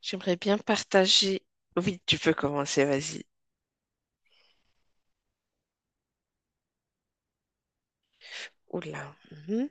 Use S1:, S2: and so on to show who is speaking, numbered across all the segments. S1: J'aimerais bien partager. Oui, tu peux commencer, vas-y. Oula. Mhm.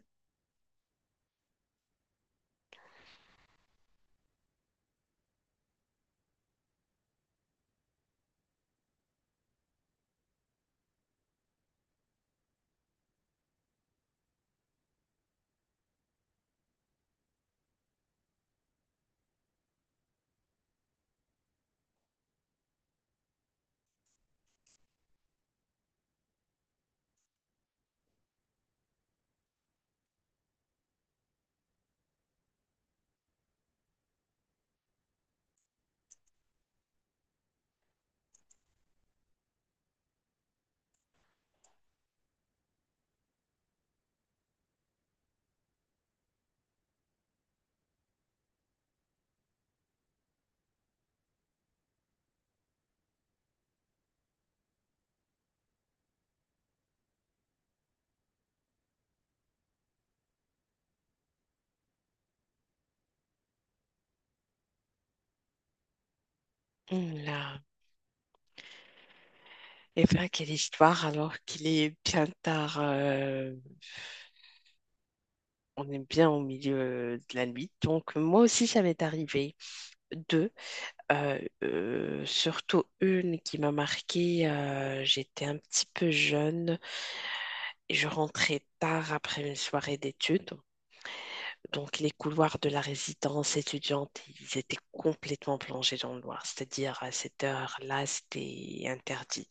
S1: Oula. Eh bien, quelle histoire alors qu'il est bien tard. On est bien au milieu de la nuit. Donc, moi aussi, ça m'est arrivé deux. Surtout une qui m'a marquée. J'étais un petit peu jeune et je rentrais tard après une soirée d'études. Donc, les couloirs de la résidence étudiante, ils étaient complètement plongés dans le noir. C'est-à-dire, à cette heure-là, c'était interdit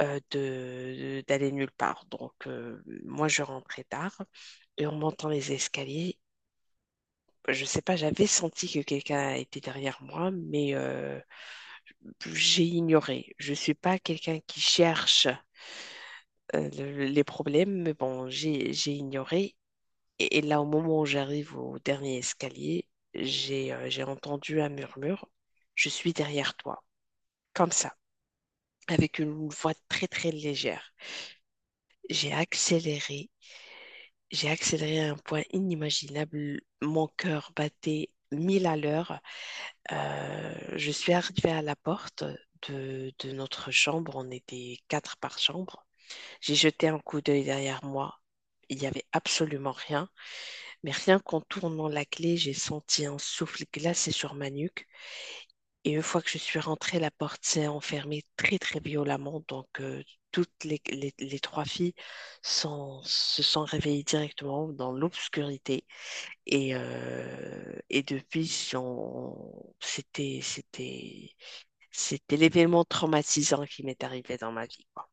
S1: d'aller nulle part. Donc, moi, je rentrais tard et en montant les escaliers, je sais pas, j'avais senti que quelqu'un était derrière moi, mais j'ai ignoré. Je suis pas quelqu'un qui cherche les problèmes, mais bon, j'ai ignoré. Et là, au moment où j'arrive au dernier escalier, j'ai entendu un murmure. Je suis derrière toi, comme ça, avec une voix très très légère. J'ai accéléré, j'ai accéléré à un point inimaginable. Mon cœur battait mille à l'heure. Je suis arrivée à la porte de notre chambre. On était quatre par chambre. J'ai jeté un coup d'œil derrière moi. Il n'y avait absolument rien. Mais rien qu'en tournant la clé, j'ai senti un souffle glacé sur ma nuque. Et une fois que je suis rentrée, la porte s'est enfermée très, très violemment. Donc, toutes les trois filles se sont réveillées directement dans l'obscurité. Et depuis, c'était l'événement traumatisant qui m'est arrivé dans ma vie, quoi.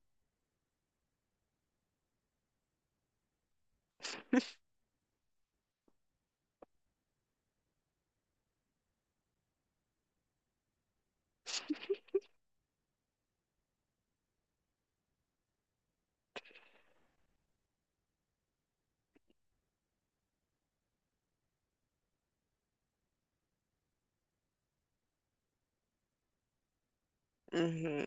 S1: Mhm.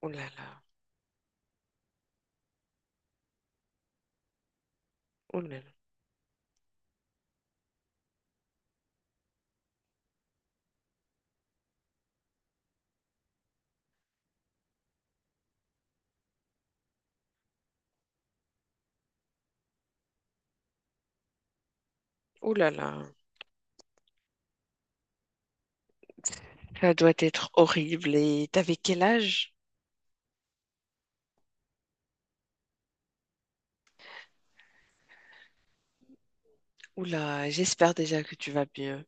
S1: Oh là là, oh là là, oh là là. Ça doit être horrible. Et t'avais quel âge? Oula, j'espère déjà que tu vas mieux.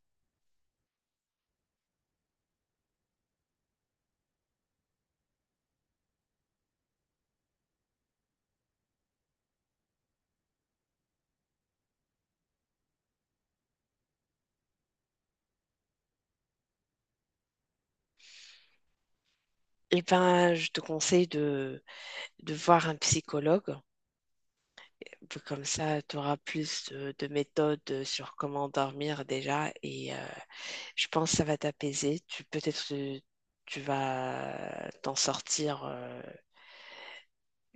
S1: Eh ben, je te conseille de voir un psychologue. Comme ça, tu auras plus de méthodes sur comment dormir déjà. Et je pense que ça va t'apaiser. Tu peut-être tu vas t'en sortir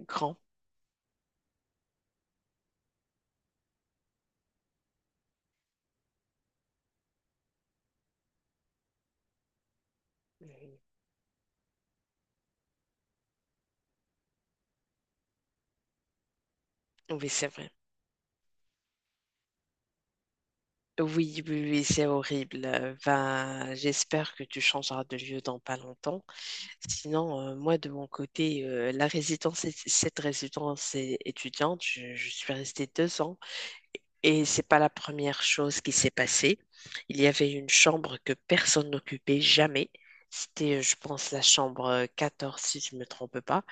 S1: grand. Oui, c'est vrai. Oui, oui, oui, c'est horrible. Ben, j'espère que tu changeras de lieu dans pas longtemps. Sinon, moi, de mon côté, la cette étudiante, je suis restée deux ans et c'est pas la première chose qui s'est passée. Il y avait une chambre que personne n'occupait jamais. C'était, je pense, la chambre 14, si je me trompe pas.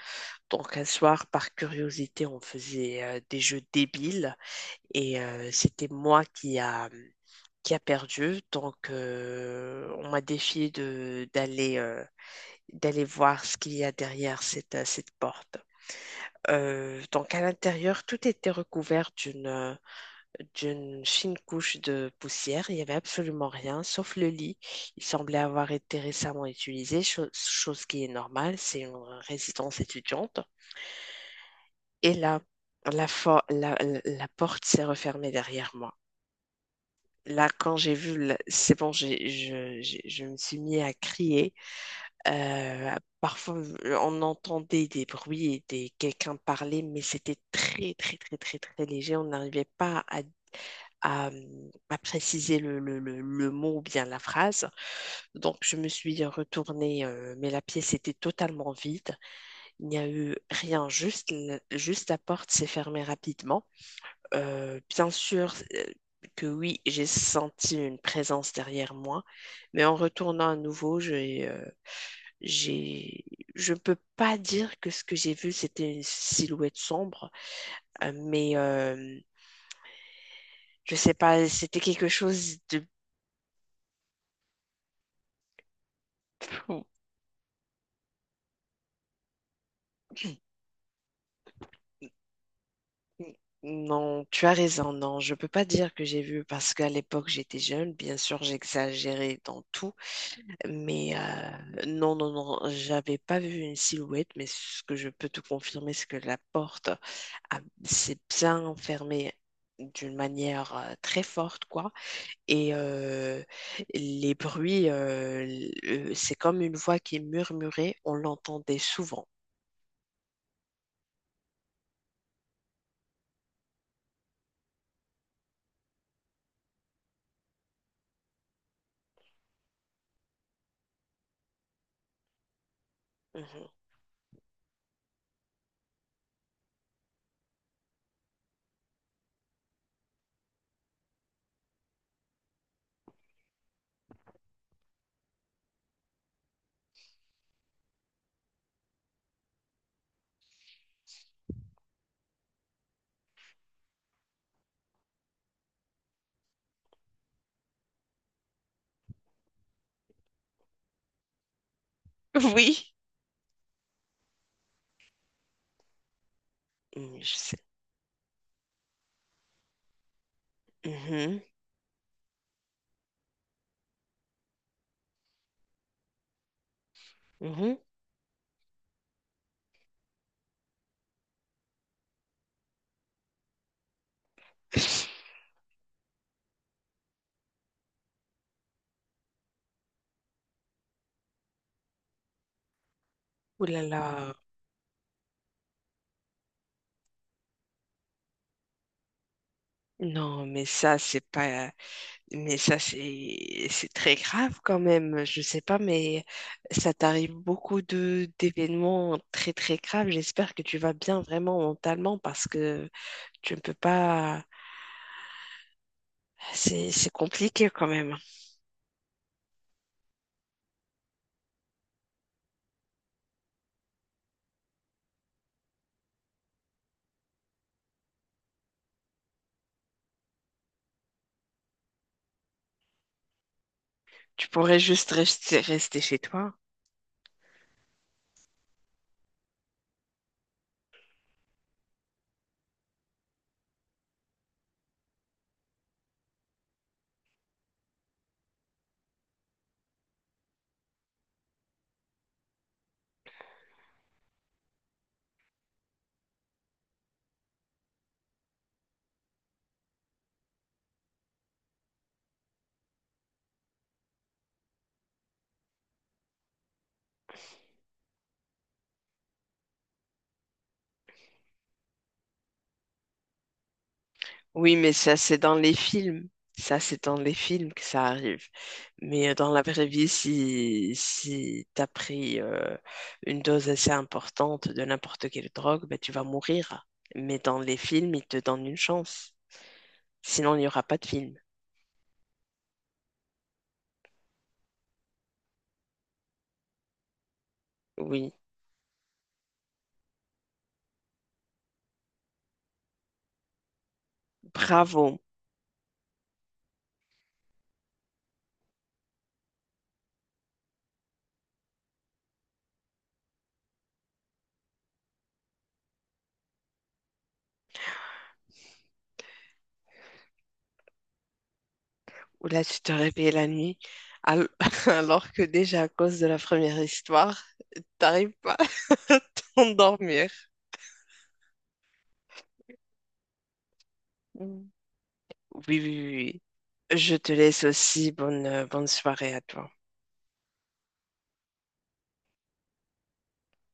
S1: Donc, un soir, par curiosité, on faisait des jeux débiles et c'était qui a perdu. Donc, on m'a défié d'aller. D'aller voir ce qu'il y a derrière cette porte. Donc à l'intérieur, tout était recouvert d'une fine couche de poussière. Il n'y avait absolument rien, sauf le lit. Il semblait avoir été récemment utilisé, chose qui est normale, c'est une résidence étudiante. Et là, la, for- la, la- la porte s'est refermée derrière moi. Là, quand j'ai vu, c'est bon, je me suis mis à crier. Euh, Parfois, on entendait des bruits et des, quelqu'un parler, mais c'était très, très, très, très, très léger. On n'arrivait pas à, à préciser le mot ou bien la phrase. Donc, je me suis retournée, mais la pièce était totalement vide. Il n'y a eu rien, juste, juste la porte s'est fermée rapidement. Bien sûr, que oui, j'ai senti une présence derrière moi, mais en retournant à nouveau, j'ai, je ne peux pas dire que ce que j'ai vu, c'était une silhouette sombre, euh, mais euh, je sais pas, c'était quelque chose de... Non, tu as raison, non, je peux pas dire que j'ai vu parce qu'à l'époque j'étais jeune, bien sûr j'exagérais dans tout, mais non, non, non, j'avais pas vu une silhouette, mais ce que je peux te confirmer, c'est que la s'est bien fermée d'une manière très forte, quoi. Et les bruits, c'est comme une voix qui murmurait, on l'entendait souvent. Mhm. Oui. Mm, je sais. Mhm. Mhm. Ouh là là. Non, mais ça, c'est pas. Mais ça, c'est très grave quand même. Je sais pas, mais ça t'arrive beaucoup de d'événements très très graves. J'espère que tu vas bien vraiment mentalement parce que tu ne peux pas. C'est compliqué quand même. Tu pourrais juste rester, rester chez toi. Oui, mais ça, c'est dans les films. Ça, c'est dans les films que ça arrive. Mais dans la vraie vie, si, si tu as pris une dose assez importante de n'importe quelle drogue, ben, tu vas mourir. Mais dans les films, ils te donnent une chance. Sinon, il n'y aura pas de film. Oui, bravo. Ou là, tu te réveilles la nuit, al- alors que déjà à cause de la première histoire, t'arrives pas à t'endormir. Oui, oui, oui. Oui. Je te laisse aussi. Bonne, bonne soirée à toi.